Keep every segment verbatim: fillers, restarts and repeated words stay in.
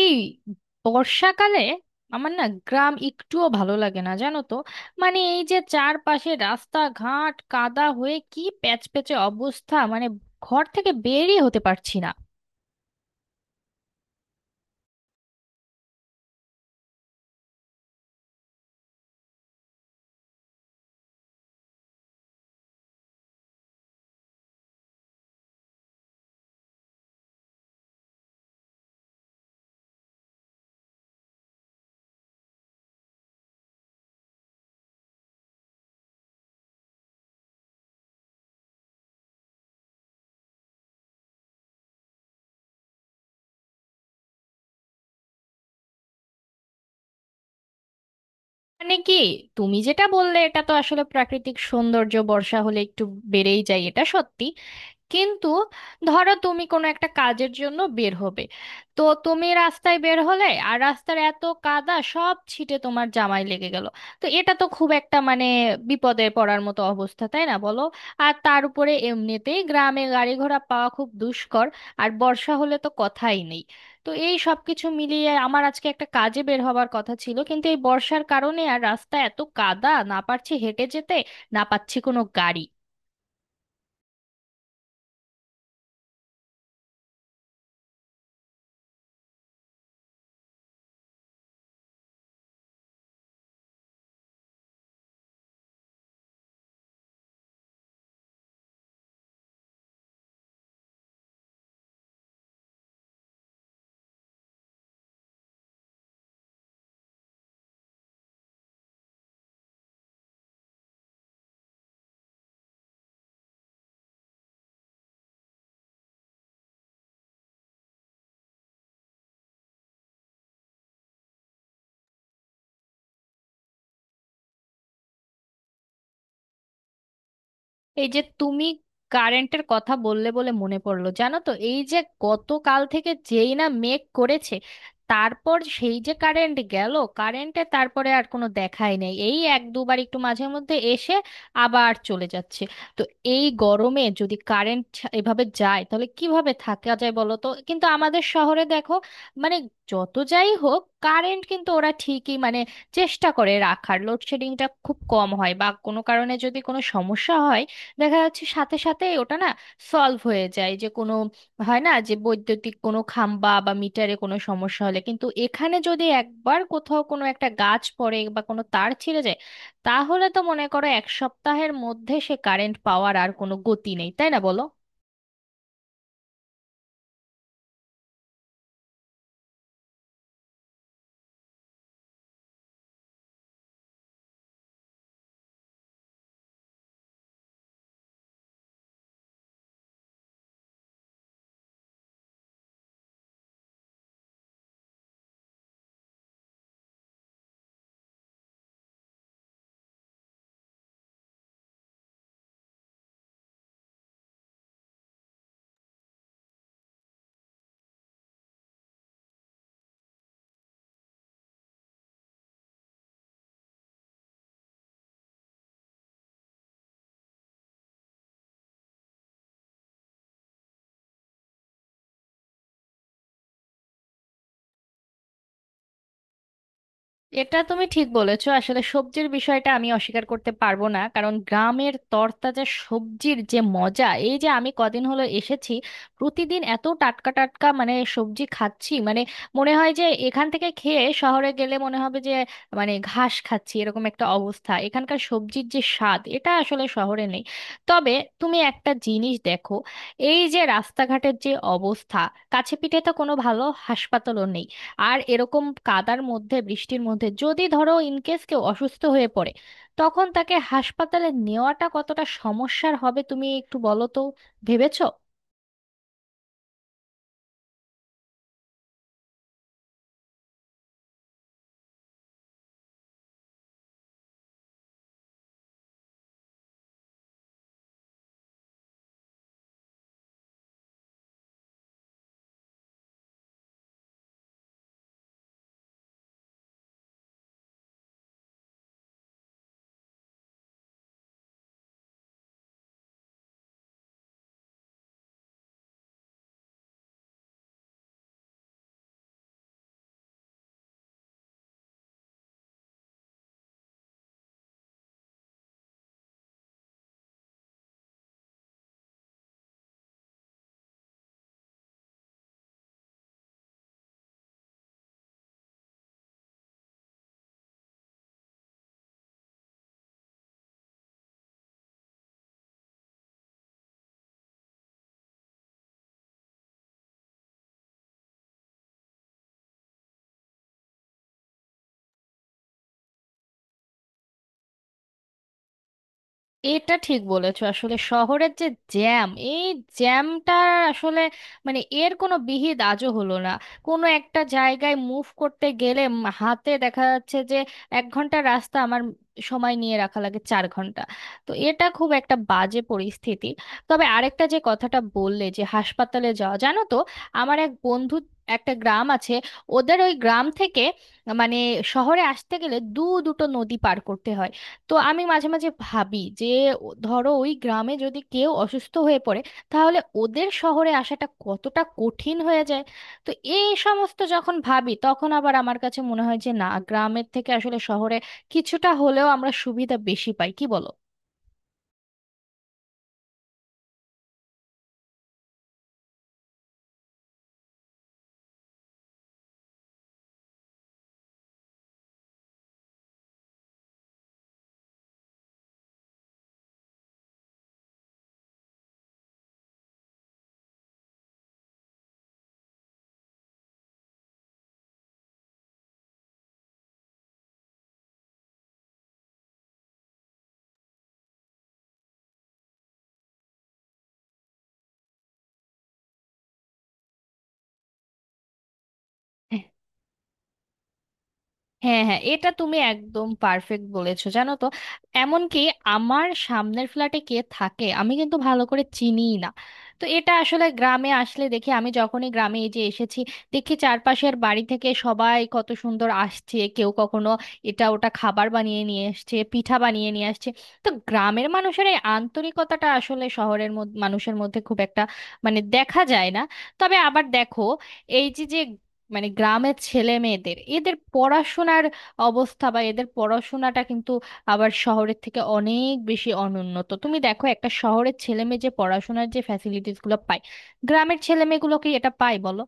এই বর্ষাকালে আমার না গ্রাম একটুও ভালো লাগে না, জানো তো? মানে এই যে চারপাশে রাস্তাঘাট কাদা হয়ে কি প্যাচপ্যাচে অবস্থা, মানে ঘর থেকে বেরই হতে পারছি না। মানে কি, তুমি যেটা বললে এটা তো আসলে প্রাকৃতিক সৌন্দর্য, বর্ষা হলে একটু বেড়েই যায়, এটা সত্যি। কিন্তু ধরো তুমি কোনো একটা কাজের জন্য বের হবে, তো তুমি রাস্তায় বের হলে আর রাস্তার এত কাদা সব ছিটে তোমার জামায় লেগে গেল, তো এটা তো খুব একটা মানে বিপদে পড়ার মতো অবস্থা, তাই না বলো? আর তার উপরে এমনিতেই গ্রামে গাড়ি ঘোড়া পাওয়া খুব দুষ্কর, আর বর্ষা হলে তো কথাই নেই। তো এই সব কিছু মিলিয়ে আমার আজকে একটা কাজে বের হবার কথা ছিল, কিন্তু এই বর্ষার কারণে আর রাস্তা এত কাদা, না পারছি হেঁটে যেতে, না পাচ্ছি কোনো গাড়ি। এই যে তুমি কারেন্টের কথা বললে, বলে মনে পড়লো, জানো তো, এই যে গতকাল থেকে যেই না মেঘ করেছে, তারপর সেই যে কারেন্ট গেল, কারেন্টে তারপরে আর কোনো দেখাই নেই, এই এক দুবার একটু মাঝে মধ্যে এসে আবার চলে যাচ্ছে। তো এই গরমে যদি কারেন্ট এভাবে যায় তাহলে কিভাবে থাকা যায় বলো তো? কিন্তু আমাদের শহরে দেখো, মানে যত যাই হোক কারেন্ট কিন্তু ওরা ঠিকই মানে চেষ্টা করে রাখার, লোডশেডিংটা খুব কম হয়, বা কোনো কারণে যদি কোনো সমস্যা হয়, দেখা যাচ্ছে সাথে সাথে ওটা না সলভ হয়ে যায়, যে কোনো হয় না যে বৈদ্যুতিক কোনো খাম্বা বা মিটারে কোনো সমস্যা হলে। কিন্তু এখানে যদি একবার কোথাও কোনো একটা গাছ পড়ে বা কোনো তার ছিঁড়ে যায়, তাহলে তো মনে করো এক সপ্তাহের মধ্যে সে কারেন্ট পাওয়ার আর কোনো গতি নেই, তাই না বলো? এটা তুমি ঠিক বলেছো, আসলে সবজির বিষয়টা আমি অস্বীকার করতে পারবো না, কারণ গ্রামের তরতাজা সবজির যে মজা, এই যে আমি কদিন হলো এসেছি, প্রতিদিন এত টাটকা টাটকা মানে সবজি খাচ্ছি, মানে মনে হয় যে এখান থেকে খেয়ে শহরে গেলে মনে হবে যে মানে ঘাস খাচ্ছি, এরকম একটা অবস্থা। এখানকার সবজির যে স্বাদ এটা আসলে শহরে নেই। তবে তুমি একটা জিনিস দেখো, এই যে রাস্তাঘাটের যে অবস্থা, কাছে পিঠে তো কোনো ভালো হাসপাতালও নেই, আর এরকম কাদার মধ্যে বৃষ্টির মধ্যে যদি ধরো ইনকেস কেউ অসুস্থ হয়ে পড়ে, তখন তাকে হাসপাতালে নেওয়াটা কতটা সমস্যার হবে তুমি একটু বলো তো, ভেবেছো? এটা ঠিক বলেছো, আসলে শহরের যে জ্যাম, এই জ্যামটা আসলে মানে এর কোনো বিহিত আজও হলো না। কোনো একটা জায়গায় মুভ করতে গেলে উম হাতে দেখা যাচ্ছে যে এক ঘন্টা রাস্তা আমার সময় নিয়ে রাখা লাগে চার ঘন্টা। তো এটা খুব একটা বাজে পরিস্থিতি। তবে আরেকটা যে কথাটা বললে যে হাসপাতালে যাওয়া, জানো তো, আমার এক বন্ধু, একটা গ্রাম আছে, ওদের ওই গ্রাম থেকে মানে শহরে আসতে গেলে দু দুটো নদী পার করতে হয়। তো আমি মাঝে মাঝে ভাবি যে ও- ধরো ওই গ্রামে যদি কেউ অসুস্থ হয়ে পড়ে, তাহলে ওদের শহরে আসাটা কতটা কঠিন হয়ে যায়। তো এই সমস্ত যখন ভাবি তখন আবার আমার কাছে মনে হয় যে না, গ্রামের থেকে আসলে শহরে কিছুটা হলেও আমরা সুবিধা বেশি পাই, কি বলো? হ্যাঁ হ্যাঁ, এটা তুমি একদম পারফেক্ট বলেছো, জানো তো, এমনকি আমার সামনের ফ্ল্যাটে কে থাকে আমি কিন্তু ভালো করে চিনিই না। তো এটা আসলে গ্রামে আসলে দেখি, আমি যখনই গ্রামে এই যে এসেছি, দেখি চারপাশের বাড়ি থেকে সবাই কত সুন্দর আসছে, কেউ কখনো এটা ওটা খাবার বানিয়ে নিয়ে আসছে, পিঠা বানিয়ে নিয়ে আসছে। তো গ্রামের মানুষের এই আন্তরিকতাটা আসলে শহরের মধ্যে মানুষের মধ্যে খুব একটা মানে দেখা যায় না। তবে আবার দেখো, এই যে যে মানে গ্রামের ছেলে মেয়েদের এদের পড়াশোনার অবস্থা বা এদের পড়াশোনাটা কিন্তু আবার শহরের থেকে অনেক বেশি অনুন্নত। তুমি দেখো, একটা শহরের ছেলে মেয়ে যে পড়াশোনার যে ফ্যাসিলিটিস গুলো পায়, গ্রামের ছেলে মেয়েগুলো কি এটা পায় বলো?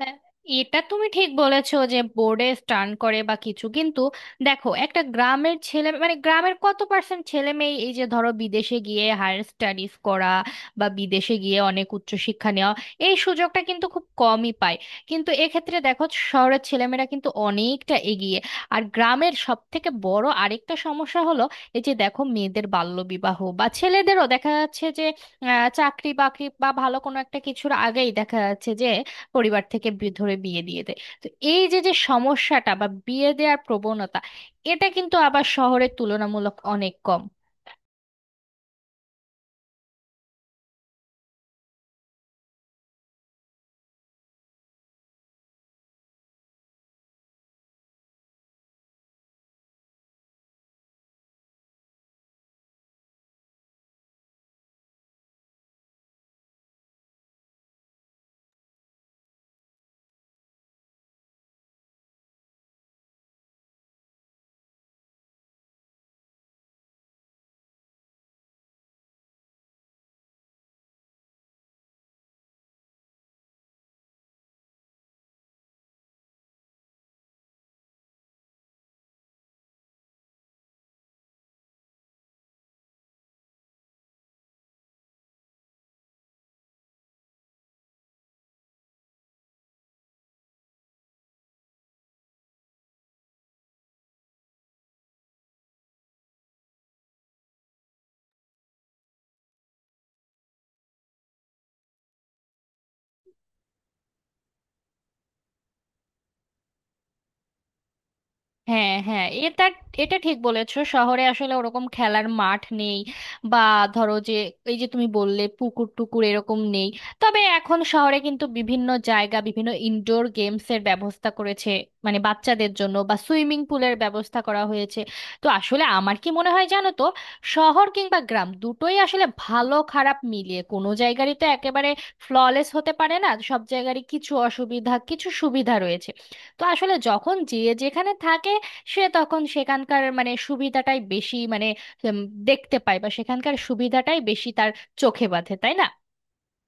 না, এটা তুমি ঠিক বলেছো যে বোর্ডে স্টান করে বা কিছু, কিন্তু দেখো একটা গ্রামের ছেলে, মানে গ্রামের কত পার্সেন্ট ছেলে মেয়ে এই যে ধরো বিদেশে গিয়ে হায়ার স্টাডিজ করা বা বিদেশে গিয়ে অনেক উচ্চশিক্ষা নেওয়া, এই সুযোগটা কিন্তু খুব কমই পায়। কিন্তু এক্ষেত্রে দেখো শহরের ছেলেমেয়েরা কিন্তু অনেকটা এগিয়ে। আর গ্রামের সব থেকে বড় আরেকটা সমস্যা হলো, এই যে দেখো মেয়েদের বাল্যবিবাহ, বা ছেলেদেরও দেখা যাচ্ছে যে আহ, চাকরি বাকরি বা ভালো কোনো একটা কিছুর আগেই দেখা যাচ্ছে যে পরিবার থেকে বি- ধরে বিয়ে দিয়ে দেয়। তো এই যে যে সমস্যাটা বা বিয়ে দেওয়ার প্রবণতা, এটা কিন্তু আবার শহরের তুলনামূলক অনেক কম। হ্যাঁ হ্যাঁ, এটা এটা ঠিক বলেছো, শহরে আসলে ওরকম খেলার মাঠ নেই, বা ধরো যে এই যে তুমি বললে পুকুর টুকুর এরকম নেই। তবে এখন শহরে কিন্তু বিভিন্ন জায়গা বিভিন্ন ইনডোর গেমস এর ব্যবস্থা করেছে, মানে বাচ্চাদের জন্য, বা সুইমিং পুলের ব্যবস্থা করা হয়েছে। তো আসলে আমার কি মনে হয় জানো তো, শহর কিংবা গ্রাম দুটোই আসলে ভালো খারাপ মিলিয়ে, কোনো জায়গারই তো একেবারে ফ্ললেস হতে পারে না, সব জায়গারই কিছু অসুবিধা কিছু সুবিধা রয়েছে। তো আসলে যখন যে যেখানে থাকে, সে তখন সেখানকার মানে সুবিধাটাই বেশি, মানে উম, দেখতে পায়, বা সেখানকার সুবিধাটাই বেশি তার চোখে বাঁধে, তাই না?